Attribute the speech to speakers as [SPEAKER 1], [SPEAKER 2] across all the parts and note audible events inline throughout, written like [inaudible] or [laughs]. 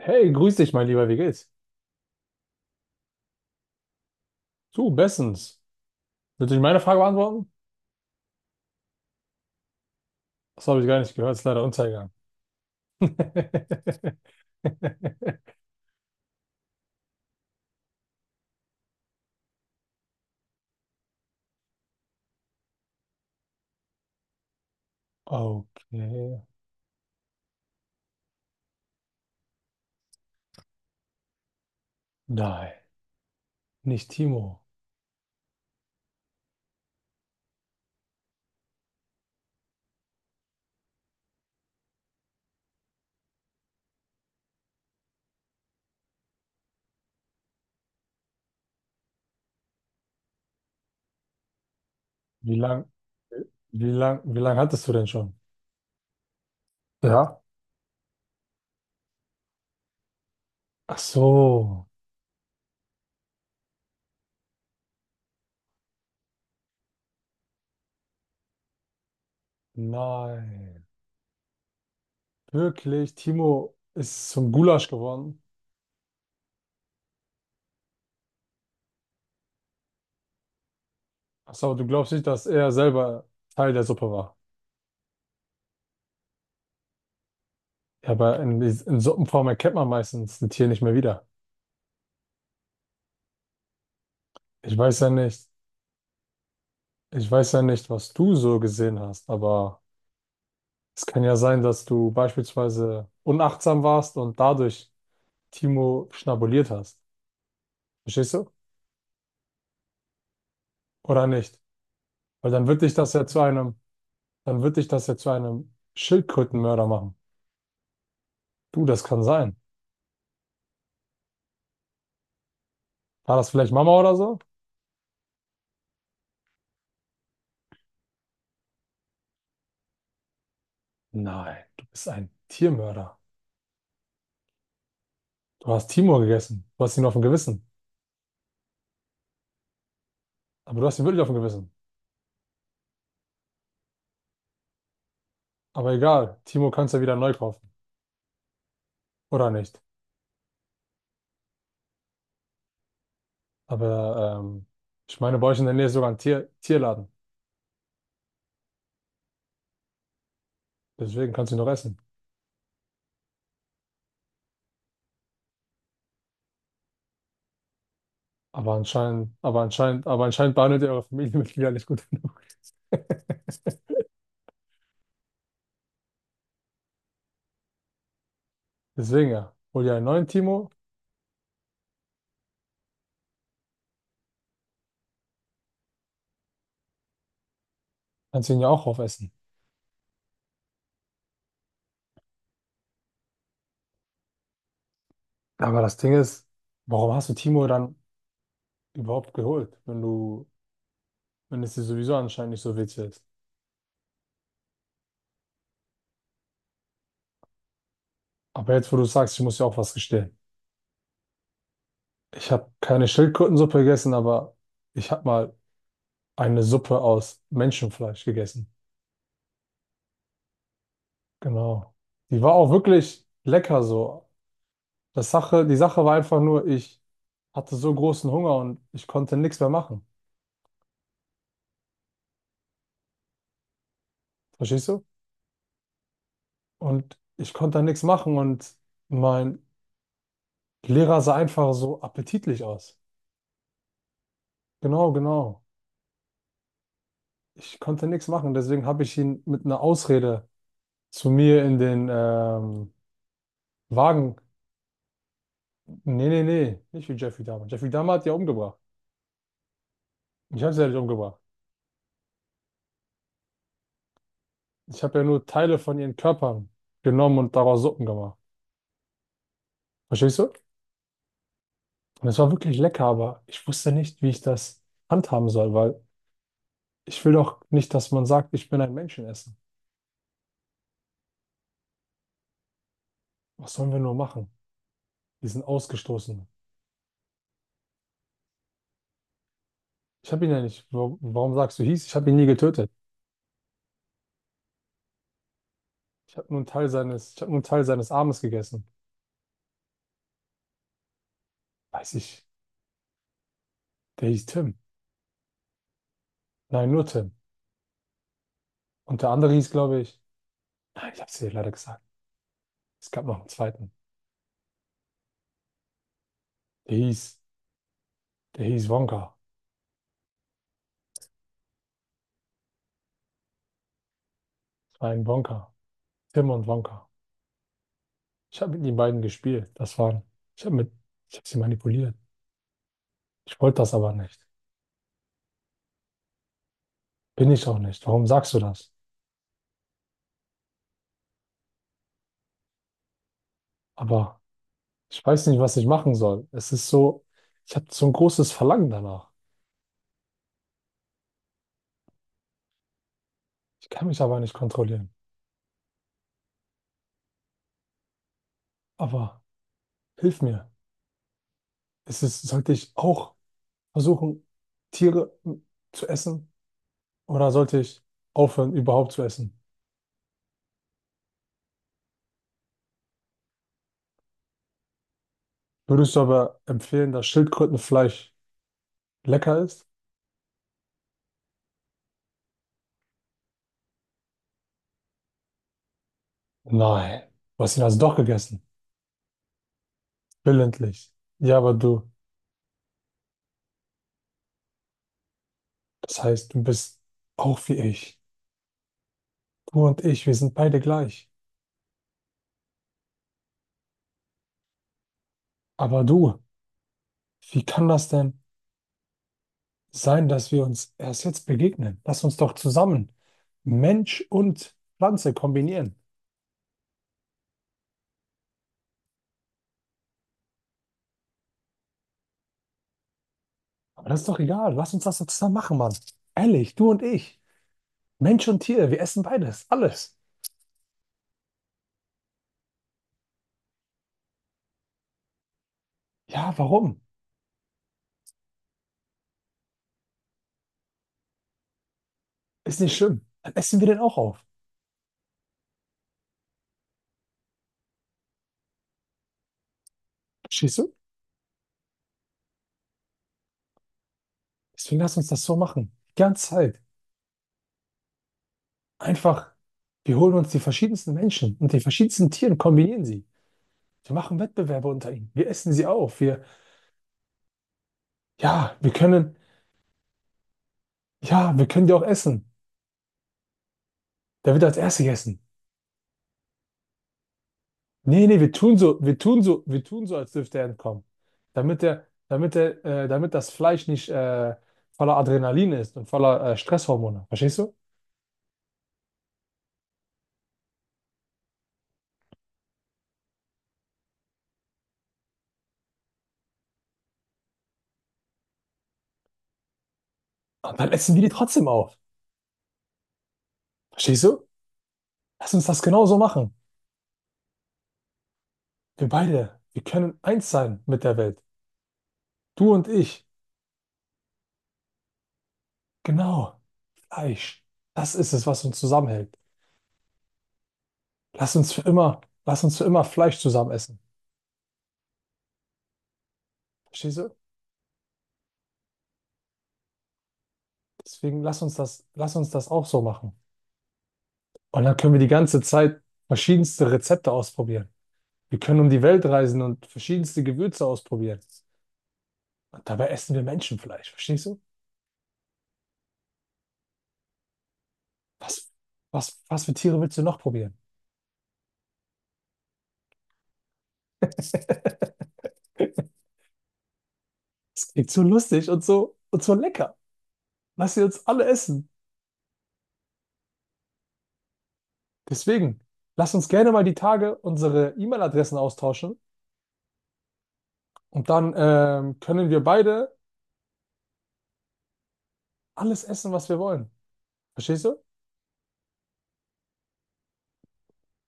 [SPEAKER 1] Hey, grüß dich, mein Lieber, wie geht's? Du, bestens. Willst du nicht meine Frage beantworten? Das habe ich gar nicht gehört, ist leider untergegangen. [laughs] Okay. Nein, nicht Timo. Wie lang, wie lang hattest du denn schon? Ja. Ach so. Nein. Wirklich, Timo ist zum Gulasch geworden. Ach so, du glaubst nicht, dass er selber Teil der Suppe war. Ja, aber in Suppenform erkennt man meistens ein Tier nicht mehr wieder. Ich weiß ja nicht. Ich weiß ja nicht, was du so gesehen hast, aber es kann ja sein, dass du beispielsweise unachtsam warst und dadurch Timo schnabuliert hast. Verstehst du? Oder nicht? Weil dann wird dich das ja zu einem, dann wird dich das ja zu einem Schildkrötenmörder machen. Du, das kann sein. War das vielleicht Mama oder so? Nein, du bist ein Tiermörder. Du hast Timo gegessen. Du hast ihn auf dem Gewissen. Aber du hast ihn wirklich auf dem Gewissen. Aber egal, Timo kannst du ja wieder neu kaufen. Oder nicht? Aber ich meine, bei euch in der Nähe ist sogar ein Tier Tierladen. Deswegen kann sie noch essen. Aber anscheinend behandelt ihr eure Familienmitglieder nicht gut genug. [laughs] Deswegen ja, hol dir einen neuen Timo, kannst ihn ja auch aufessen. Aber das Ding ist, warum hast du Timo dann überhaupt geholt, wenn du, wenn es dir sowieso anscheinend nicht so witzig ist? Aber jetzt, wo du sagst, ich muss dir auch was gestehen. Ich habe keine Schildkrötensuppe gegessen, aber ich habe mal eine Suppe aus Menschenfleisch gegessen. Genau. Die war auch wirklich lecker so. Die Sache war einfach nur, ich hatte so großen Hunger und ich konnte nichts mehr machen. Verstehst du? Und ich konnte nichts machen und mein Lehrer sah einfach so appetitlich aus. Genau, genau. Ich konnte nichts machen. Deswegen habe ich ihn mit einer Ausrede zu mir in den Wagen. Nee, nee, nee. Nicht wie Jeffrey Dahmer. Jeffrey Dahmer hat die ja umgebracht. Ich habe sie ja nicht umgebracht. Ich habe ja nur Teile von ihren Körpern genommen und daraus Suppen gemacht. Verstehst du? Und es war wirklich lecker, aber ich wusste nicht, wie ich das handhaben soll, weil ich will doch nicht, dass man sagt, ich bin ein Menschenesser. Was sollen wir nur machen? Diesen Ausgestoßenen. Ich habe ihn ja nicht. Warum sagst du hieß? Ich habe ihn nie getötet. Ich habe nur einen Teil seines, ich habe nur einen Teil seines Armes gegessen. Weiß ich. Der hieß Tim. Nein, nur Tim. Und der andere hieß, glaube ich. Nein, ich habe es dir leider gesagt. Es gab noch einen zweiten. Der hieß, der hieß Wonka. Es war ein Wonka. Tim und Wonka. Ich habe mit den beiden gespielt. Das waren. Ich habe mit, ich habe sie manipuliert. Ich wollte das aber nicht. Bin ich auch nicht. Warum sagst du das? Aber ich weiß nicht, was ich machen soll. Es ist so, ich habe so ein großes Verlangen danach. Ich kann mich aber nicht kontrollieren. Aber hilf mir. Ist es, sollte ich auch versuchen, Tiere zu essen? Oder sollte ich aufhören, überhaupt zu essen? Würdest du aber empfehlen, dass Schildkrötenfleisch lecker ist? Nein. Du hast ihn also doch gegessen. Willentlich. Ja, aber du, das heißt, du bist auch wie ich. Du und ich, wir sind beide gleich. Aber du, wie kann das denn sein, dass wir uns erst jetzt begegnen? Lass uns doch zusammen Mensch und Pflanze kombinieren. Aber das ist doch egal. Lass uns das doch zusammen machen, Mann. Ehrlich, du und ich. Mensch und Tier, wir essen beides, alles. Ja, warum? Ist nicht schlimm. Dann essen wir den auch auf. Verstehst du? Deswegen lass uns das so machen. Die ganze Zeit. Einfach, wir holen uns die verschiedensten Menschen und die verschiedensten Tiere und kombinieren sie. Wir machen Wettbewerbe unter ihnen. Wir essen sie auf. Wir, ja, wir können. Ja, wir können die auch essen. Der wird als Erster gegessen. Nee, nee, wir tun so, wir tun so, wir tun so, als dürfte er entkommen. Damit das Fleisch nicht voller Adrenalin ist und voller Stresshormone. Verstehst du? Und dann essen wir die trotzdem auf. Verstehst du? Lass uns das genauso machen. Wir beide, wir können eins sein mit der Welt. Du und ich. Genau. Fleisch. Das ist es, was uns zusammenhält. Lass uns für immer, lass uns für immer Fleisch zusammen essen. Verstehst du? Deswegen lass uns das auch so machen. Und dann können wir die ganze Zeit verschiedenste Rezepte ausprobieren. Wir können um die Welt reisen und verschiedenste Gewürze ausprobieren. Und dabei essen wir Menschenfleisch, verstehst du? Was, was für Tiere willst du noch probieren? [laughs] Es klingt so lustig und so lecker. Lass sie uns alle essen. Deswegen, lass uns gerne mal die Tage unsere E-Mail-Adressen austauschen und dann können wir beide alles essen, was wir wollen. Verstehst du?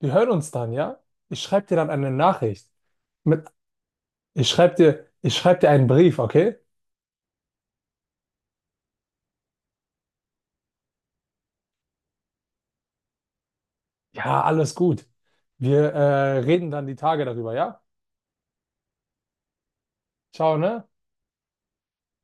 [SPEAKER 1] Wir hören uns dann, ja? Ich schreibe dir dann eine Nachricht mit Ich schreibe dir, ich schreib dir einen Brief, okay? Ja, alles gut. Wir reden dann die Tage darüber, ja? Ciao, ne?